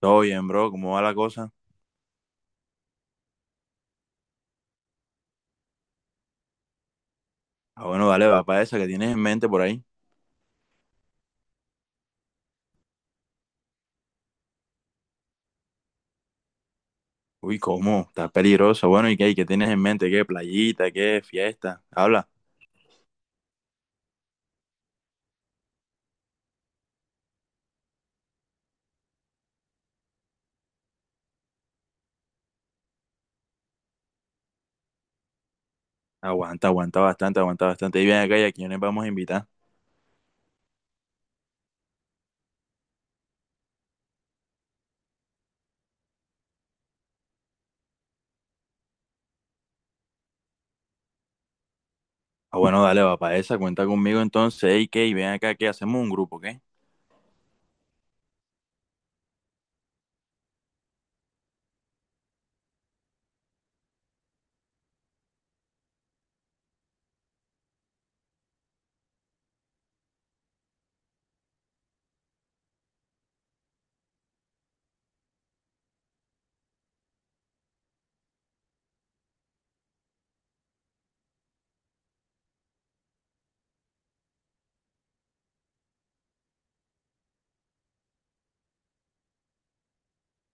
Todo bien, bro, ¿cómo va la cosa? Ah, bueno, dale, va para esa que tienes en mente por ahí. Uy, ¿cómo? ¿Está peligroso? Bueno, ¿y qué, y qué tienes en mente? ¿Qué? ¿Playita? ¿Qué? ¿Fiesta? Habla. Aguanta, aguanta bastante, aguanta bastante. Y ven acá, ¿y a quiénes vamos a invitar? Ah, bueno, dale, va para esa, cuenta conmigo entonces. ¿Y qué? ¿Y ven acá, qué? ¿Hacemos un grupo, qué?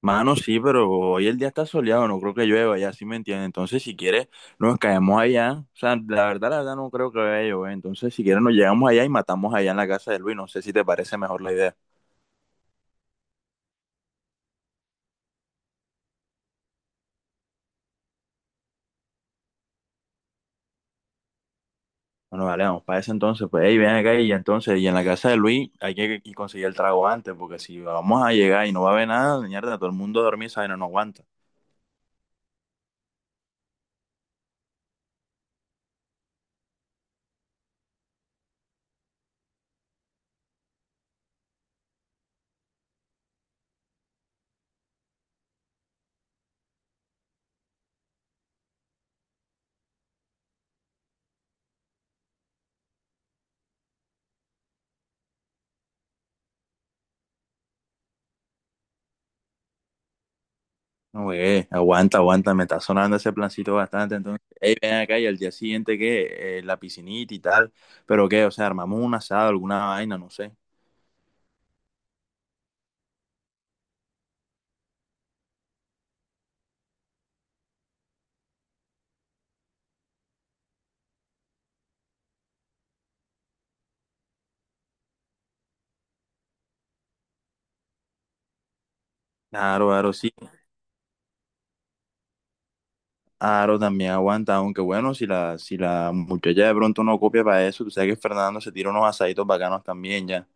Mano, sí, pero hoy el día está soleado, no creo que llueva, ya sí me entiendes. Entonces, si quieres, nos caemos allá. O sea, la verdad, no creo que vaya a llover. Entonces, si quieres, nos llegamos allá y matamos allá en la casa de Luis. No sé si te parece mejor la idea. Bueno, vale, vamos para ese entonces, pues, hey, ven acá y entonces, y en la casa de Luis hay que y conseguir el trago antes, porque si vamos a llegar y no va a haber nada, mierda, todo el mundo a dormir, ¿sabes? No, no aguanta. No, güey, aguanta, aguanta, me está sonando ese plancito bastante, entonces, hey, ven acá y al día siguiente, que la piscinita y tal, pero qué, o sea, armamos un asado, alguna vaina, no sé. Claro, claro, sí, claro, también aguanta, aunque bueno, si la muchacha de pronto no copia para eso, tú sabes que Fernando se tira unos asaditos bacanos también, ya.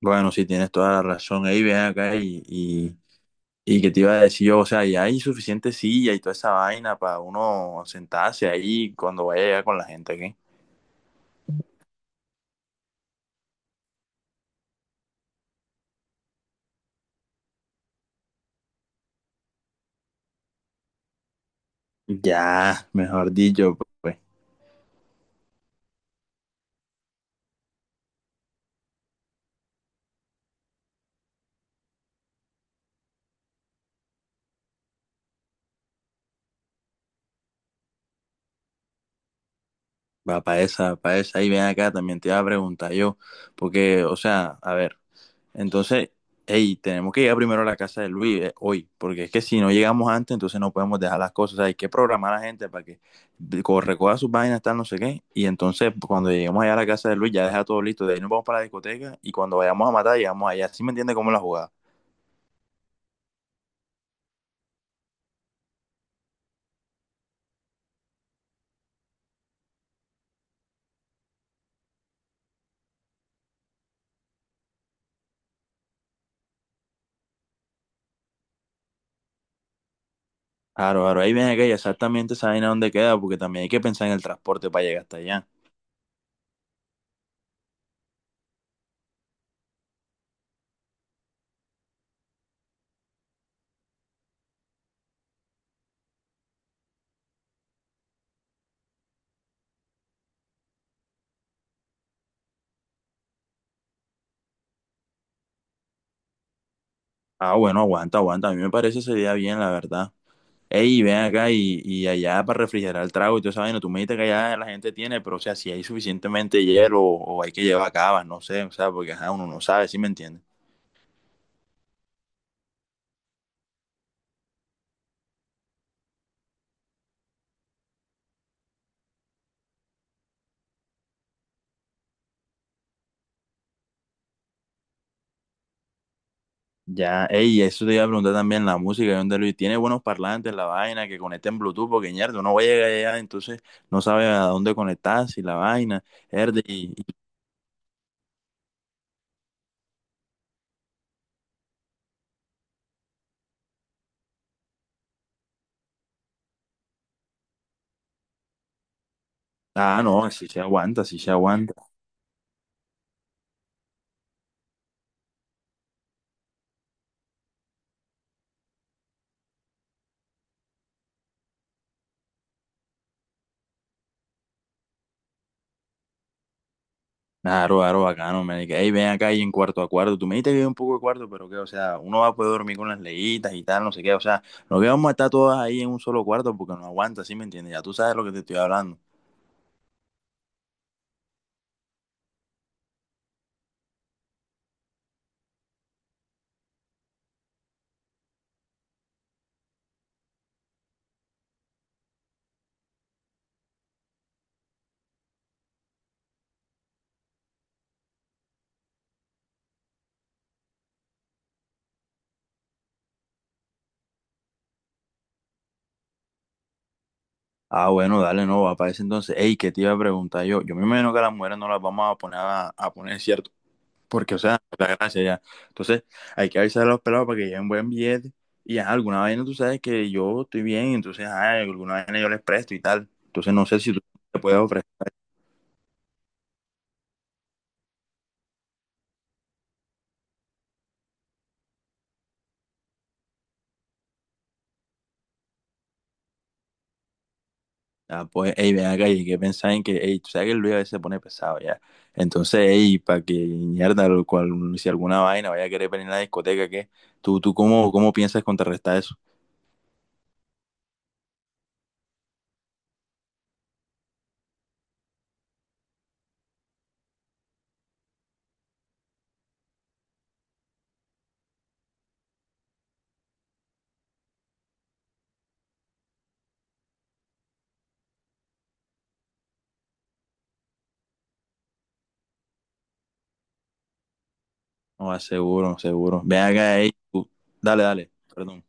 Bueno, sí, tienes toda la razón. Ahí ven acá y que te iba a decir yo, o sea, ya hay suficiente silla y toda esa vaina para uno sentarse ahí cuando vaya allá con la gente, ¿qué? Ya, mejor dicho, pues, va para esa, para esa. Ahí ven acá, también te iba a preguntar yo, porque, o sea, a ver. Entonces, hey, tenemos que llegar primero a la casa de Luis hoy, porque es que si no llegamos antes, entonces no podemos dejar las cosas. O sea, hay que programar a la gente para que recoja sus vainas, tal, no sé qué. Y entonces, cuando lleguemos allá a la casa de Luis, ya deja todo listo. De ahí nos vamos para la discoteca y cuando vayamos a matar, llegamos allá. ¿Sí me entiende cómo es la jugada? Claro, claro, ahí viene aquella exactamente esa vaina dónde queda, porque también hay que pensar en el transporte para llegar hasta allá. Ah, bueno, aguanta, aguanta. A mí me parece ese día bien, la verdad. Ey, ven acá y allá para refrigerar el trago y toda esa vaina. Tú me dijiste que allá la gente tiene, pero o sea, si hay suficientemente hielo o hay que llevar cabas, no sé, o sea, porque ajá, uno no sabe, ¿sí me entiendes? Ya, ey, eso te iba a preguntar también, la música, ¿de dónde Luis? ¿Tiene buenos parlantes, la vaina, que conecten Bluetooth? Porque, ñerdo, no va a llegar allá, entonces no sabe a dónde conectar, si la vaina, herde, Ah, no, si se aguanta, si se aguanta. Claro, claro, bacano, man. Y que, "Ey, ven acá y en cuarto a cuarto. Tú me dijiste que hay un poco de cuarto, pero que, o sea, uno va a poder dormir con las leyitas y tal, no sé qué. O sea, no que vamos a estar todas ahí en un solo cuarto porque no aguanta, ¿sí me entiendes? Ya tú sabes lo que te estoy hablando. Ah, bueno, dale, no, va para ese entonces. Ey, ¿qué te iba a preguntar yo? Yo me imagino que a las mujeres no las vamos a poner a poner, ¿cierto? Porque, o sea, la gracia ya. Entonces, hay que avisar a los pelados para que lleven buen billete. Y ajá, alguna vaina tú sabes que yo estoy bien, entonces, ah, alguna vaina yo les presto y tal. Entonces, no sé si tú te puedes ofrecer. Ah, pues, ey, ven acá, y hay que pensar en que, ey, tú sabes que el Luis a veces se pone pesado ya. Entonces, ey, para que mierda, lo cual, si alguna vaina vaya a querer venir a la discoteca, ¿qué? ¿Tú cómo, cómo piensas contrarrestar eso? No, ah, seguro, seguro. Ven acá, ey, tú, dale, dale, perdón.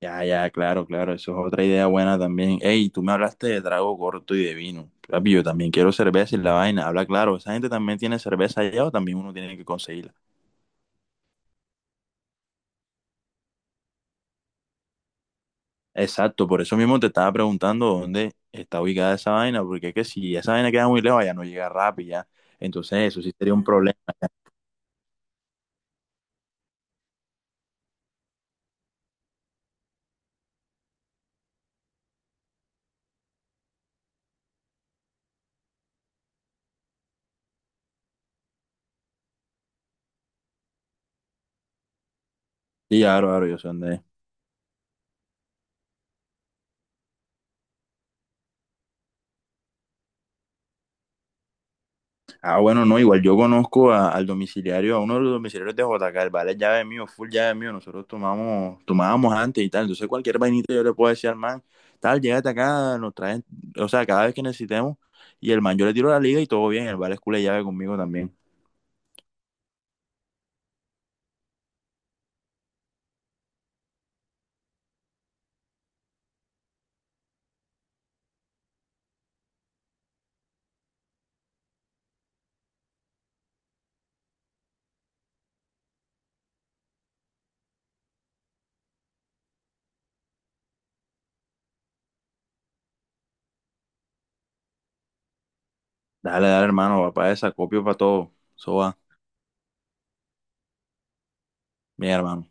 Ya, ya, claro, claro, eso es otra idea buena también. Ey, tú me hablaste de trago corto y de vino. Papi, yo también quiero cerveza y la vaina, habla claro, ¿esa gente también tiene cerveza allá o también uno tiene que conseguir? Exacto, por eso mismo te estaba preguntando dónde está ubicada esa vaina, porque es que si esa vaina queda muy lejos, ya no llega rápido, ya. Entonces, eso sí sería un problema. Sí, claro, claro, yo sé dónde es. Ah, bueno, no, igual yo conozco al domiciliario, a uno de los domiciliarios de JK, el vale es llave mío, full llave mío, nosotros tomábamos antes y tal, entonces cualquier vainita yo le puedo decir al man, tal, llégate acá, nos traen, o sea, cada vez que necesitemos, y el man yo le tiro la liga y todo bien, el vale es culo de llave conmigo también. Dale, dale, hermano, papá, esa, copio para todo, eso va, bien, hermano.